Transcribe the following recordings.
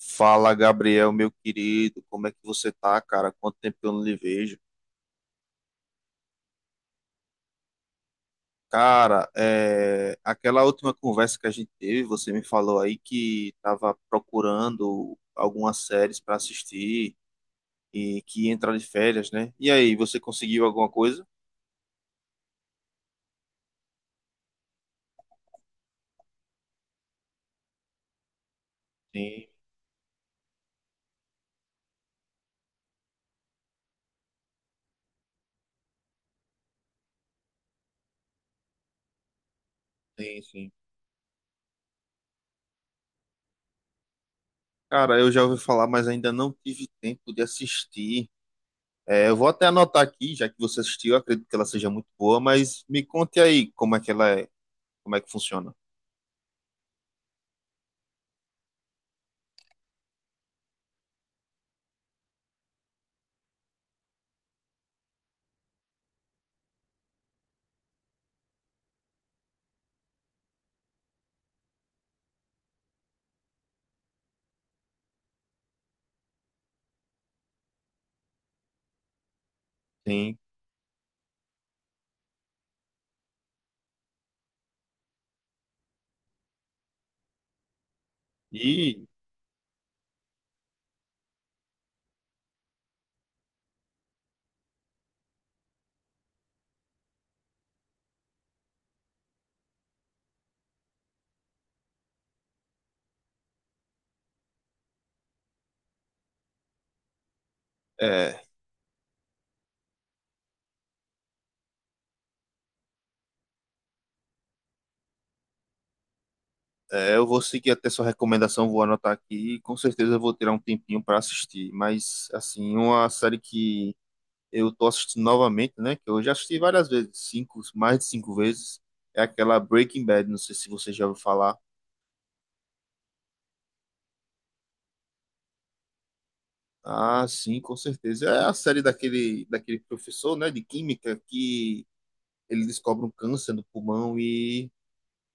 Fala, Gabriel, meu querido, como é que você tá, cara? Quanto tempo que eu não lhe vejo? Cara, aquela última conversa que a gente teve, você me falou aí que tava procurando algumas séries para assistir e que ia entrar de férias, né? E aí, você conseguiu alguma coisa? Sim, sim, sim. Cara, eu já ouvi falar, mas ainda não tive tempo de assistir. É, eu vou até anotar aqui, já que você assistiu, eu acredito que ela seja muito boa, mas me conte aí como é que ela é, como é que funciona. Sim. E É, eu vou seguir até sua recomendação, vou anotar aqui e com certeza eu vou tirar um tempinho para assistir. Mas, assim, uma série que eu tô assistindo novamente, né? Que eu já assisti várias vezes, cinco, mais de cinco vezes, é aquela Breaking Bad. Não sei se você já ouviu falar. Ah, sim, com certeza. É a série daquele professor, né, de química que ele descobre um câncer no pulmão e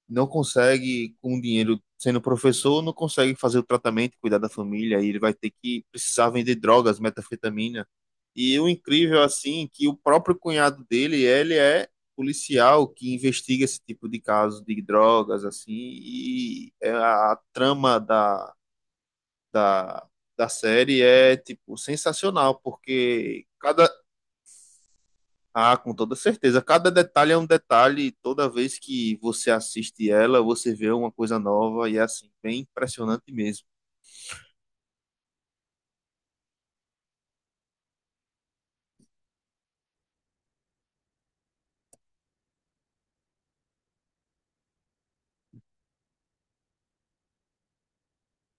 não consegue, com o dinheiro sendo professor, não consegue fazer o tratamento, cuidar da família, e ele vai ter que precisar vender drogas, metanfetamina. E o incrível, assim, que o próprio cunhado dele, ele é policial que investiga esse tipo de caso de drogas, assim, e é a trama da, da série é, tipo, sensacional, porque cada, ah, com toda certeza. Cada detalhe é um detalhe. Toda vez que você assiste ela, você vê uma coisa nova e é assim, bem impressionante mesmo.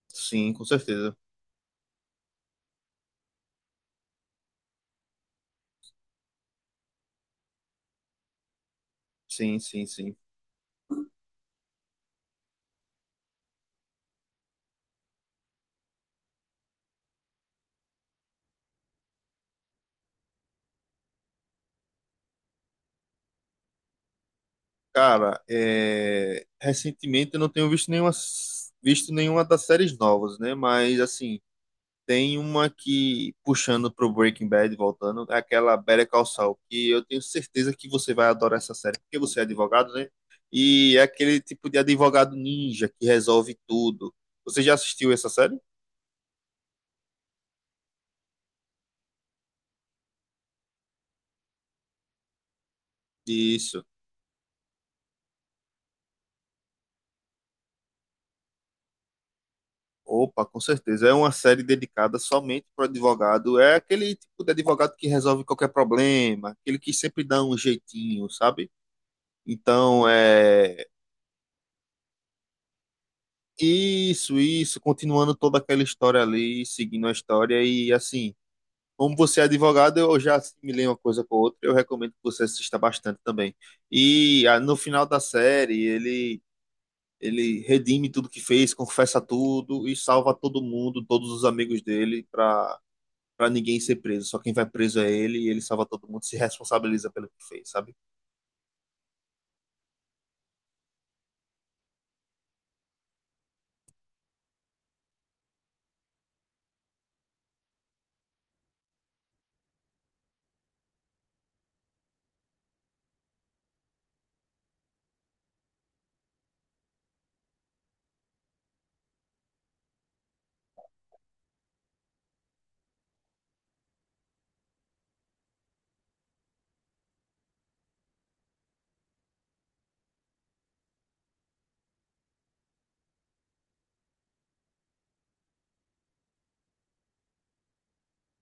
Sim, com certeza. Sim, sim, sim. Cara, recentemente eu não tenho visto nenhuma das séries novas, né? Mas assim. Tem uma que, puxando pro Breaking Bad, voltando, é aquela Better Call Saul, que eu tenho certeza que você vai adorar essa série, porque você é advogado, né? E é aquele tipo de advogado ninja que resolve tudo. Você já assistiu essa série? Isso. Opa, com certeza. É uma série dedicada somente para advogado. É aquele tipo de advogado que resolve qualquer problema, aquele que sempre dá um jeitinho, sabe? Então, é. Isso, isso. Continuando toda aquela história ali, seguindo a história. E assim, como você é advogado, eu já assimilei uma coisa com a outra. Eu recomendo que você assista bastante também. E ah, no final da série, ele redime tudo que fez, confessa tudo e salva todo mundo, todos os amigos dele, para ninguém ser preso. Só quem vai preso é ele e ele salva todo mundo, se responsabiliza pelo que fez, sabe?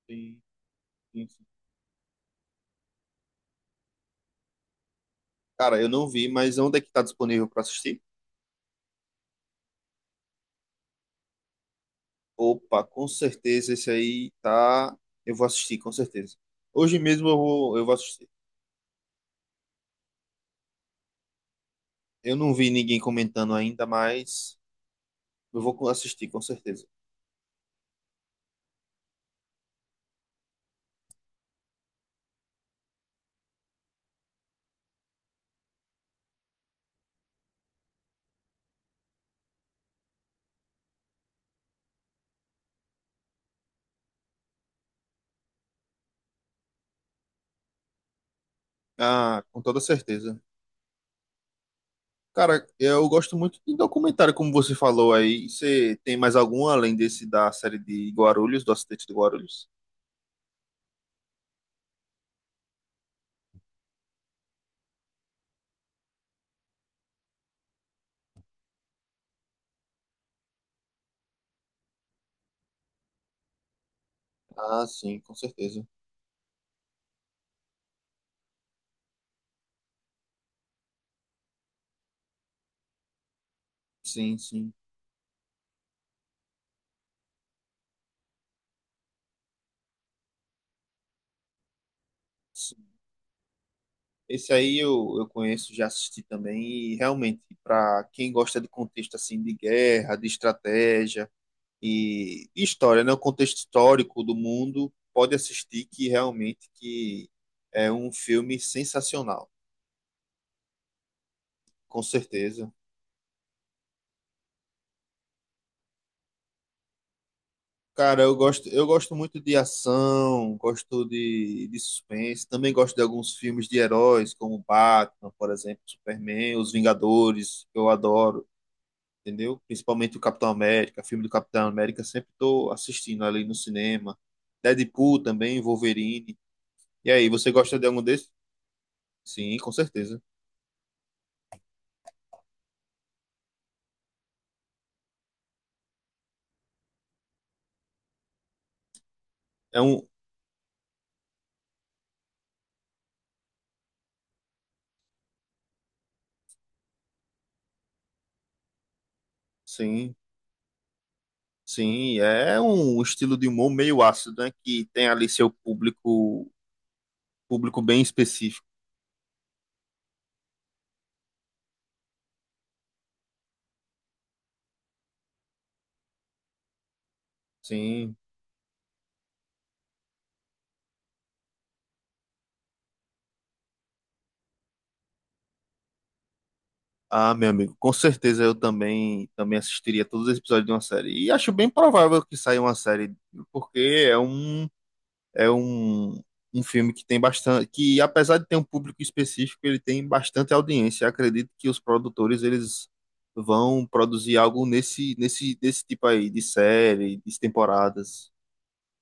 Sim, sim, sim. Cara, eu não vi, mas onde é que tá disponível para assistir? Opa, com certeza esse aí tá. Eu vou assistir, com certeza. Hoje mesmo eu vou assistir. Eu não vi ninguém comentando ainda, mas eu vou assistir com certeza. Ah, com toda certeza. Cara, eu gosto muito de documentário, como você falou aí. Você tem mais algum além desse da série de Guarulhos, do acidente de Guarulhos? Ah, sim, com certeza. Sim, sim, sim. Esse aí eu conheço, já assisti também. E realmente, para quem gosta de contexto assim de guerra, de estratégia, e história, né? O contexto histórico do mundo pode assistir que realmente que é um filme sensacional, com certeza. Cara, eu gosto muito de ação, gosto de suspense, também gosto de alguns filmes de heróis, como Batman, por exemplo, Superman, Os Vingadores, que eu adoro, entendeu? Principalmente o Capitão América, filme do Capitão América, sempre estou assistindo ali no cinema. Deadpool também, Wolverine. E aí, você gosta de algum desses? Sim, com certeza. É um, sim, sim, é um estilo de humor meio ácido, né? Que tem ali seu público, público bem específico. Sim. Ah, meu amigo, com certeza eu também assistiria todos os episódios de uma série. E acho bem provável que saia uma série, porque é um é um, um filme que tem bastante, que apesar de ter um público específico, ele tem bastante audiência. Acredito que os produtores eles vão produzir algo nesse nesse desse tipo aí de série, de temporadas.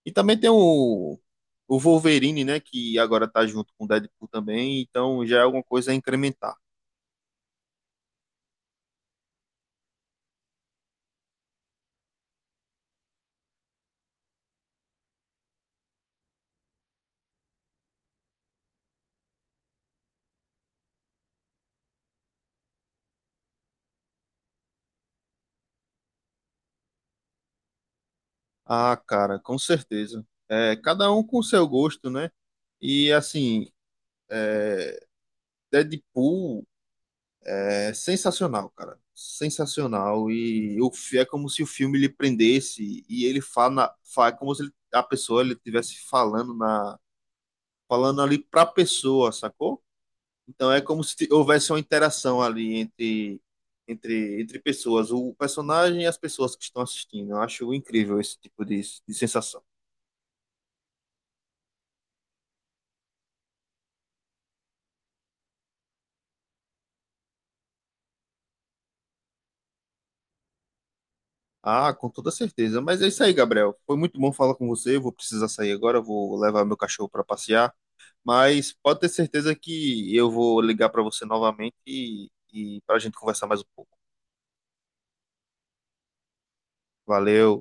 E também tem o Wolverine, né? Que agora tá junto com o Deadpool também, então já é alguma coisa a incrementar. Ah, cara, com certeza. É, cada um com o seu gosto, né? E assim, é, Deadpool é sensacional, cara. Sensacional. E é como se o filme lhe prendesse e ele é como se a pessoa ele estivesse falando ali pra pessoa, sacou? Então é como se houvesse uma interação ali entre pessoas, o personagem e as pessoas que estão assistindo. Eu acho incrível esse tipo de sensação. Ah, com toda certeza. Mas é isso aí, Gabriel. Foi muito bom falar com você. Eu vou precisar sair agora, vou levar meu cachorro para passear. Mas pode ter certeza que eu vou ligar para você novamente e para a gente conversar mais um pouco. Valeu.